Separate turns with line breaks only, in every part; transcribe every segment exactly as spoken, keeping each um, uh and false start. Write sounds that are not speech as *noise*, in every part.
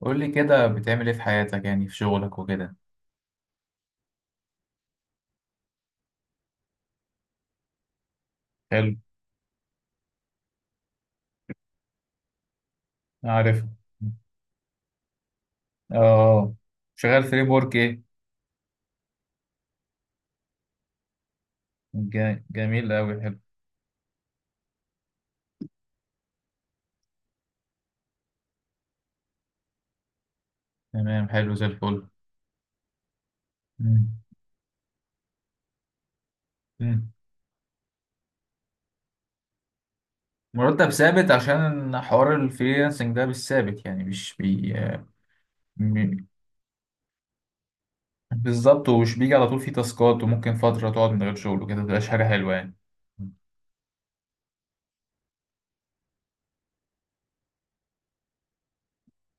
قول لي كده بتعمل ايه في حياتك، يعني في شغلك وكده. حلو. عارف. اه. شغال فري بورك ايه؟ جا- جميل قوي حلو. تمام، حلو زي الفل. مم. مم. مرتب ثابت عشان حوار الفريلانسنج ده مش ثابت، يعني مش بي م- بالظبط، ومش بيجي على طول، فيه تاسكات وممكن فترة تقعد من غير شغل وكده، متبقاش حاجة حلوة يعني.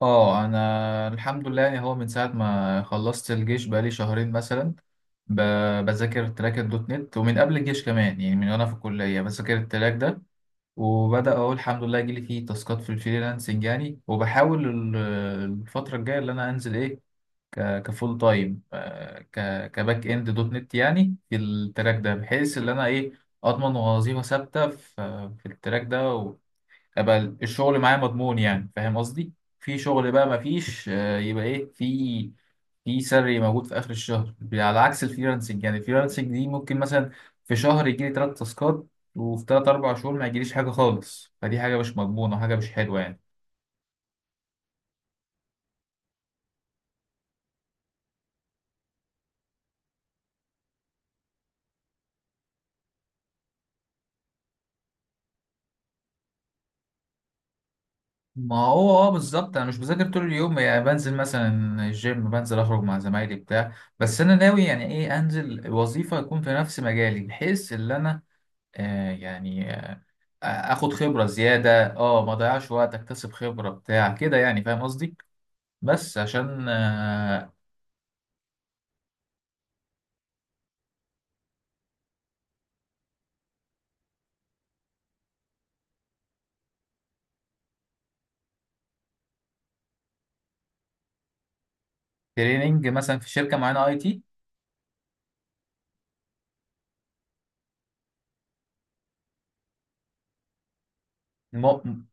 اه انا الحمد لله، يعني هو من ساعه ما خلصت الجيش بقالي شهرين مثلا، ب- بذاكر تراك الدوت نت، ومن قبل الجيش كمان، يعني من وانا في الكليه بذاكر التراك ده. وبدا اهو الحمد لله يجيلي فيه تاسكات في الفريلانسنج، يعني وبحاول ال- الفتره الجايه اللي انا انزل ايه، ك- كفول تايم آه، ك- كباك اند دوت نت، يعني في التراك ده، بحيث ان انا ايه اضمن وظيفه ثابته في في التراك ده، ابقى الشغل معايا مضمون، يعني فاهم قصدي. في شغل بقى ما فيش آه، يبقى ايه في في سري موجود في اخر الشهر، على عكس الفريلانسنج. يعني الفريلانسنج دي ممكن مثلا في شهر يجي لي ثلاث تاسكات، وفي ثلاث اربع شهور ما يجيليش حاجه خالص، فدي حاجه مش مضمونه وحاجه مش حلوه يعني. ما هو اه بالظبط، انا مش بذاكر طول اليوم، يعني بنزل مثلا الجيم، بنزل اخرج مع زمايلي بتاع. بس انا ناوي، يعني ايه انزل وظيفه يكون في نفس مجالي، بحيث ان انا آه يعني آه، اخد خبره زياده. اه ما اضيعش وقت، اكتسب خبره بتاع كده، يعني فاهم قصدي. بس عشان آه، تريننج مثلا في شركه معينه اي تي. م-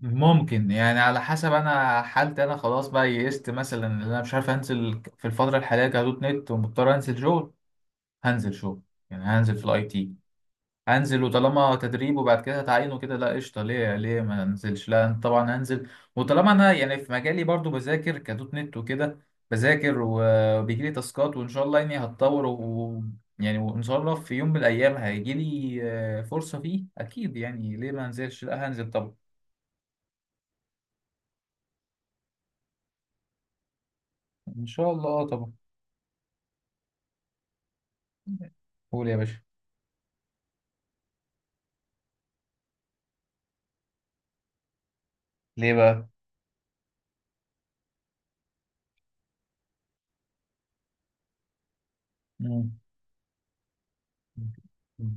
ممكن، يعني على حسب انا حالتي، انا خلاص بقى يئست مثلا ان انا مش عارف انزل في الفتره الحاليه كدوت نت، ومضطر انزل شغل. هنزل شغل. يعني هنزل في الاي تي. هنزل، وطالما تدريب وبعد كده هتعينه كده، لا قشطه، ليه ليه ما انزلش، لا أنا طبعا هنزل. وطالما انا، يعني في مجالي برضو بذاكر كدوت نت وكده، بذاكر وبيجي لي تاسكات، وان شاء الله يعني هتطور و يعني وان شاء الله في يوم من الايام هيجي لي آه، فرصه فيه اكيد، يعني ليه ما انزلش؟ لا هنزل طبعا. ان شاء الله آه طبعا. قول يا باشا. ليه بقى؟ مم.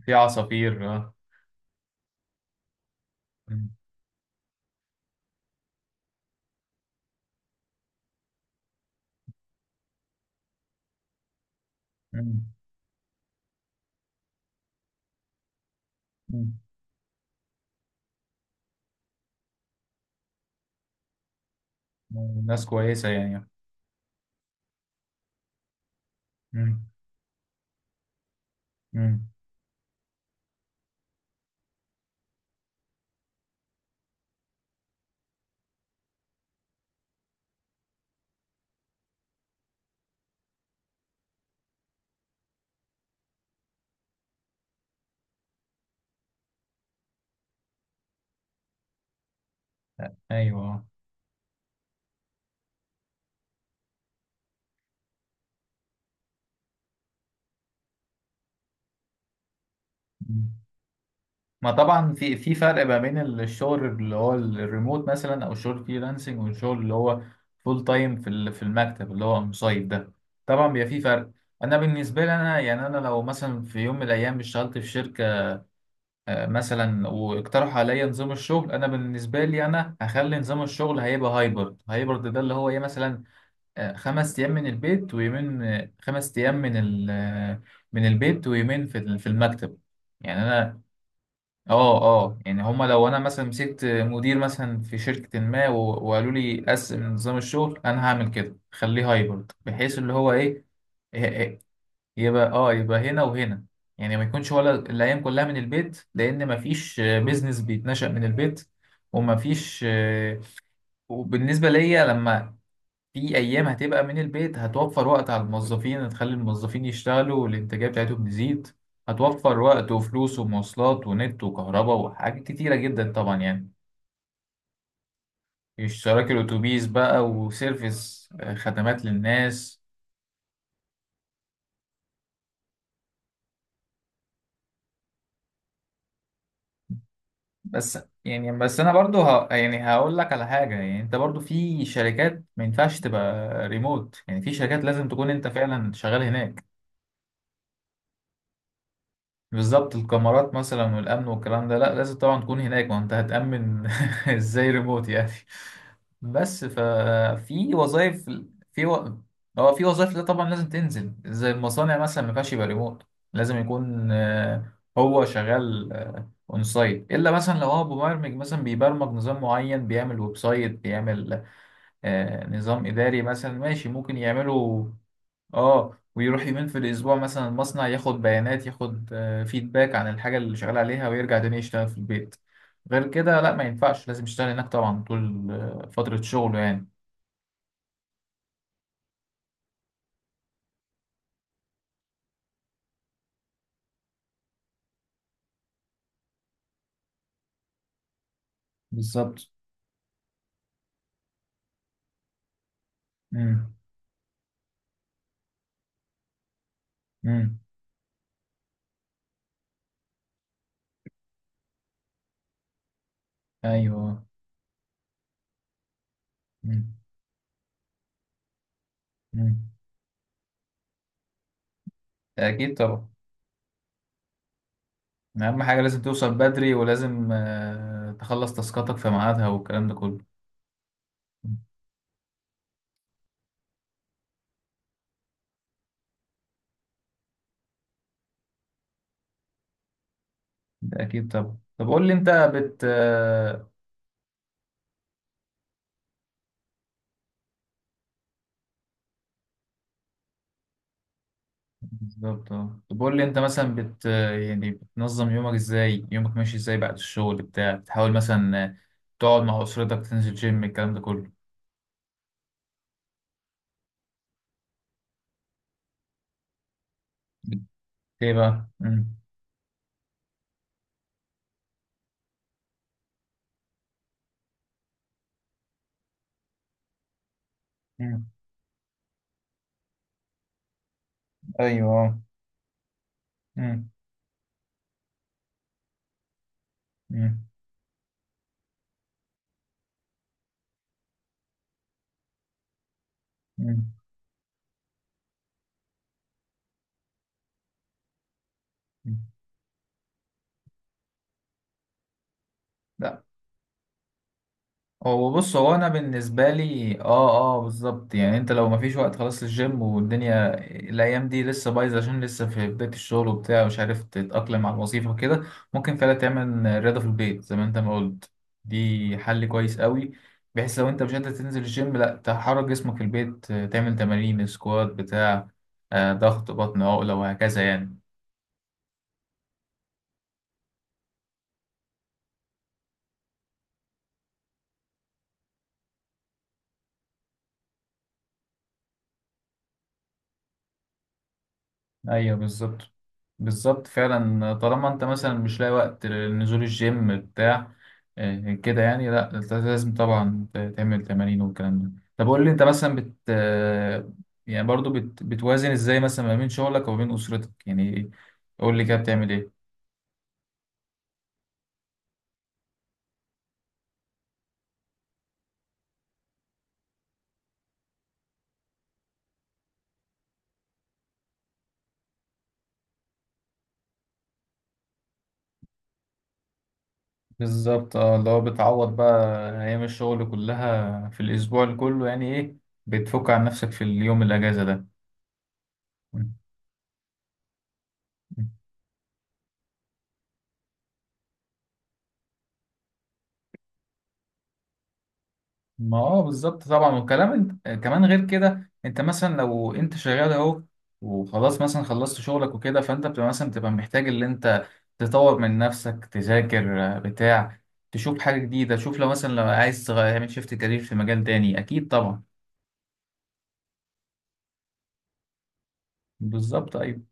في عصافير اه. مم. مم. مم. ناس كويسة يعني. مم. مم. ايوه. ما طبعا في في فرق ما بين الشغل اللي هو الريموت مثلا، او الشغل فريلانسنج، والشغل اللي هو فول تايم في ال- في المكتب اللي هو مصيف ده، طبعا بيبقى في فرق. انا بالنسبه لي انا، يعني انا لو مثلا في يوم من الايام اشتغلت في شركه آه، مثلا، واقترحوا عليا نظام الشغل، انا بالنسبه لي انا هخلي نظام الشغل هيبقى هايبرد، هايبرد ده اللي هو ايه مثلا آه، خمس ايام من البيت ويومين آه، خمس ايام من ال- آه، من البيت ويومين في ال- في المكتب. يعني انا اه اه، يعني هما لو انا مثلا مسكت مدير مثلا في شركة ما و- وقالوا لي قسم نظام الشغل، انا هعمل كده، خليه هايبرد بحيث اللي هو ايه. إيه- إيه، يبقى اه يبقى هنا وهنا، يعني ما يكونش ولا الايام كلها من البيت، لان ما فيش بيزنس بيتنشأ من البيت وما فيش. وبالنسبة ليا لما في ايام هتبقى من البيت، هتوفر وقت على الموظفين، هتخلي الموظفين يشتغلوا والانتاجيه بتاعتهم تزيد، هتوفر وقت وفلوس ومواصلات ونت وكهرباء وحاجات كتيره جدا طبعا يعني، اشتراك الاتوبيس بقى، وسيرفيس آه، خدمات للناس. بس يعني بس انا برضو ه... يعني هقول لك على حاجه، يعني انت برضو في شركات ما ينفعش تبقى ريموت، يعني في شركات لازم تكون انت فعلا شغال هناك. بالظبط، الكاميرات مثلا والامن والكلام ده، لا لازم طبعا تكون هناك، ما انت هتامن *laughs* ازاي ريموت يعني. بس ففي وظائف في و... هو في وظائف ده طبعا لازم تنزل، زي المصانع مثلا ما ينفعش يبقى ريموت، لازم يكون آه، هو شغال اون سايت، الا مثلا لو هو مبرمج مثلا بيبرمج نظام معين، بيعمل ويب سايت، بيعمل آه، نظام اداري مثلا، ماشي ممكن يعمله. اه ويروح يومين في الاسبوع مثلا المصنع، ياخد بيانات، ياخد فيدباك عن الحاجه اللي شغال عليها، ويرجع تاني يشتغل في البيت. غير كده لا ما ينفعش، لازم يشتغل هناك طبعا طول آه، فتره شغله يعني. بالظبط. امم. امم. ايوه. امم. امم. اكيد طبعا، اهم حاجه لازم توصل بدري، ولازم آه، تخلص تاسكاتك في ميعادها والكلام ده كله. ده اكيد طبعا. طب قول لي انت بت آه، بالظبط اه، طب قول لي انت مثلا بت يعني بتنظم يومك ازاي، يومك ماشي ازاي بعد الشغل بتاع؟ بتحاول مثلا تقعد مع اسرتك، تنزل جيم، الكلام ده كله. بت- ايه بقى؟ امم. امم. ايوه. امم. امم. امم. هو بص، هو انا بالنسبه لي اه. اه بالظبط، يعني انت لو مفيش وقت خلاص للجيم والدنيا، الايام دي لسه بايظه، عشان لسه في بدايه الشغل وبتاع، مش عارف تتاقلم على الوظيفه وكده، ممكن فعلا تعمل رياضه في البيت زي ما انت ما قلت، دي حل كويس قوي. بحيث لو انت مش قادر تنزل الجيم، لا تحرك جسمك في البيت، تعمل تمارين سكوات بتاع آه، ضغط بطن عقله وهكذا يعني. ايوه بالظبط. بالظبط فعلا، طالما انت مثلا مش لاقي وقت لنزول الجيم بتاع آه، كده يعني، لا انت لازم طبعا ت- تعمل تمارين والكلام ده. طب قول لي انت مثلا بت آه، يعني برضو بت... بتوازن ازاي مثلا ما بين شغلك وما بين اسرتك، يعني؟ قول لي كده بتعمل ايه؟ بالظبط اه، اللي هو بتعوض بقى ايام الشغل كلها في الاسبوع اللي كله، يعني ايه، بتفك عن نفسك في اليوم الاجازة ده. ما اه بالظبط طبعا، وكلام. انت كمان غير كده، انت مثلا لو انت شغال اهو وخلاص، مثلا خلصت شغلك وكده، فانت بتبقى مثلا بتبقى محتاج اللي انت تطور من نفسك، تذاكر آه، بتاع، تشوف حاجة جديدة، تشوف لو مثلا لو عايز تغير- تعمل شيفت كارير في مجال تاني، اكيد طبعا. بالظبط ايوه.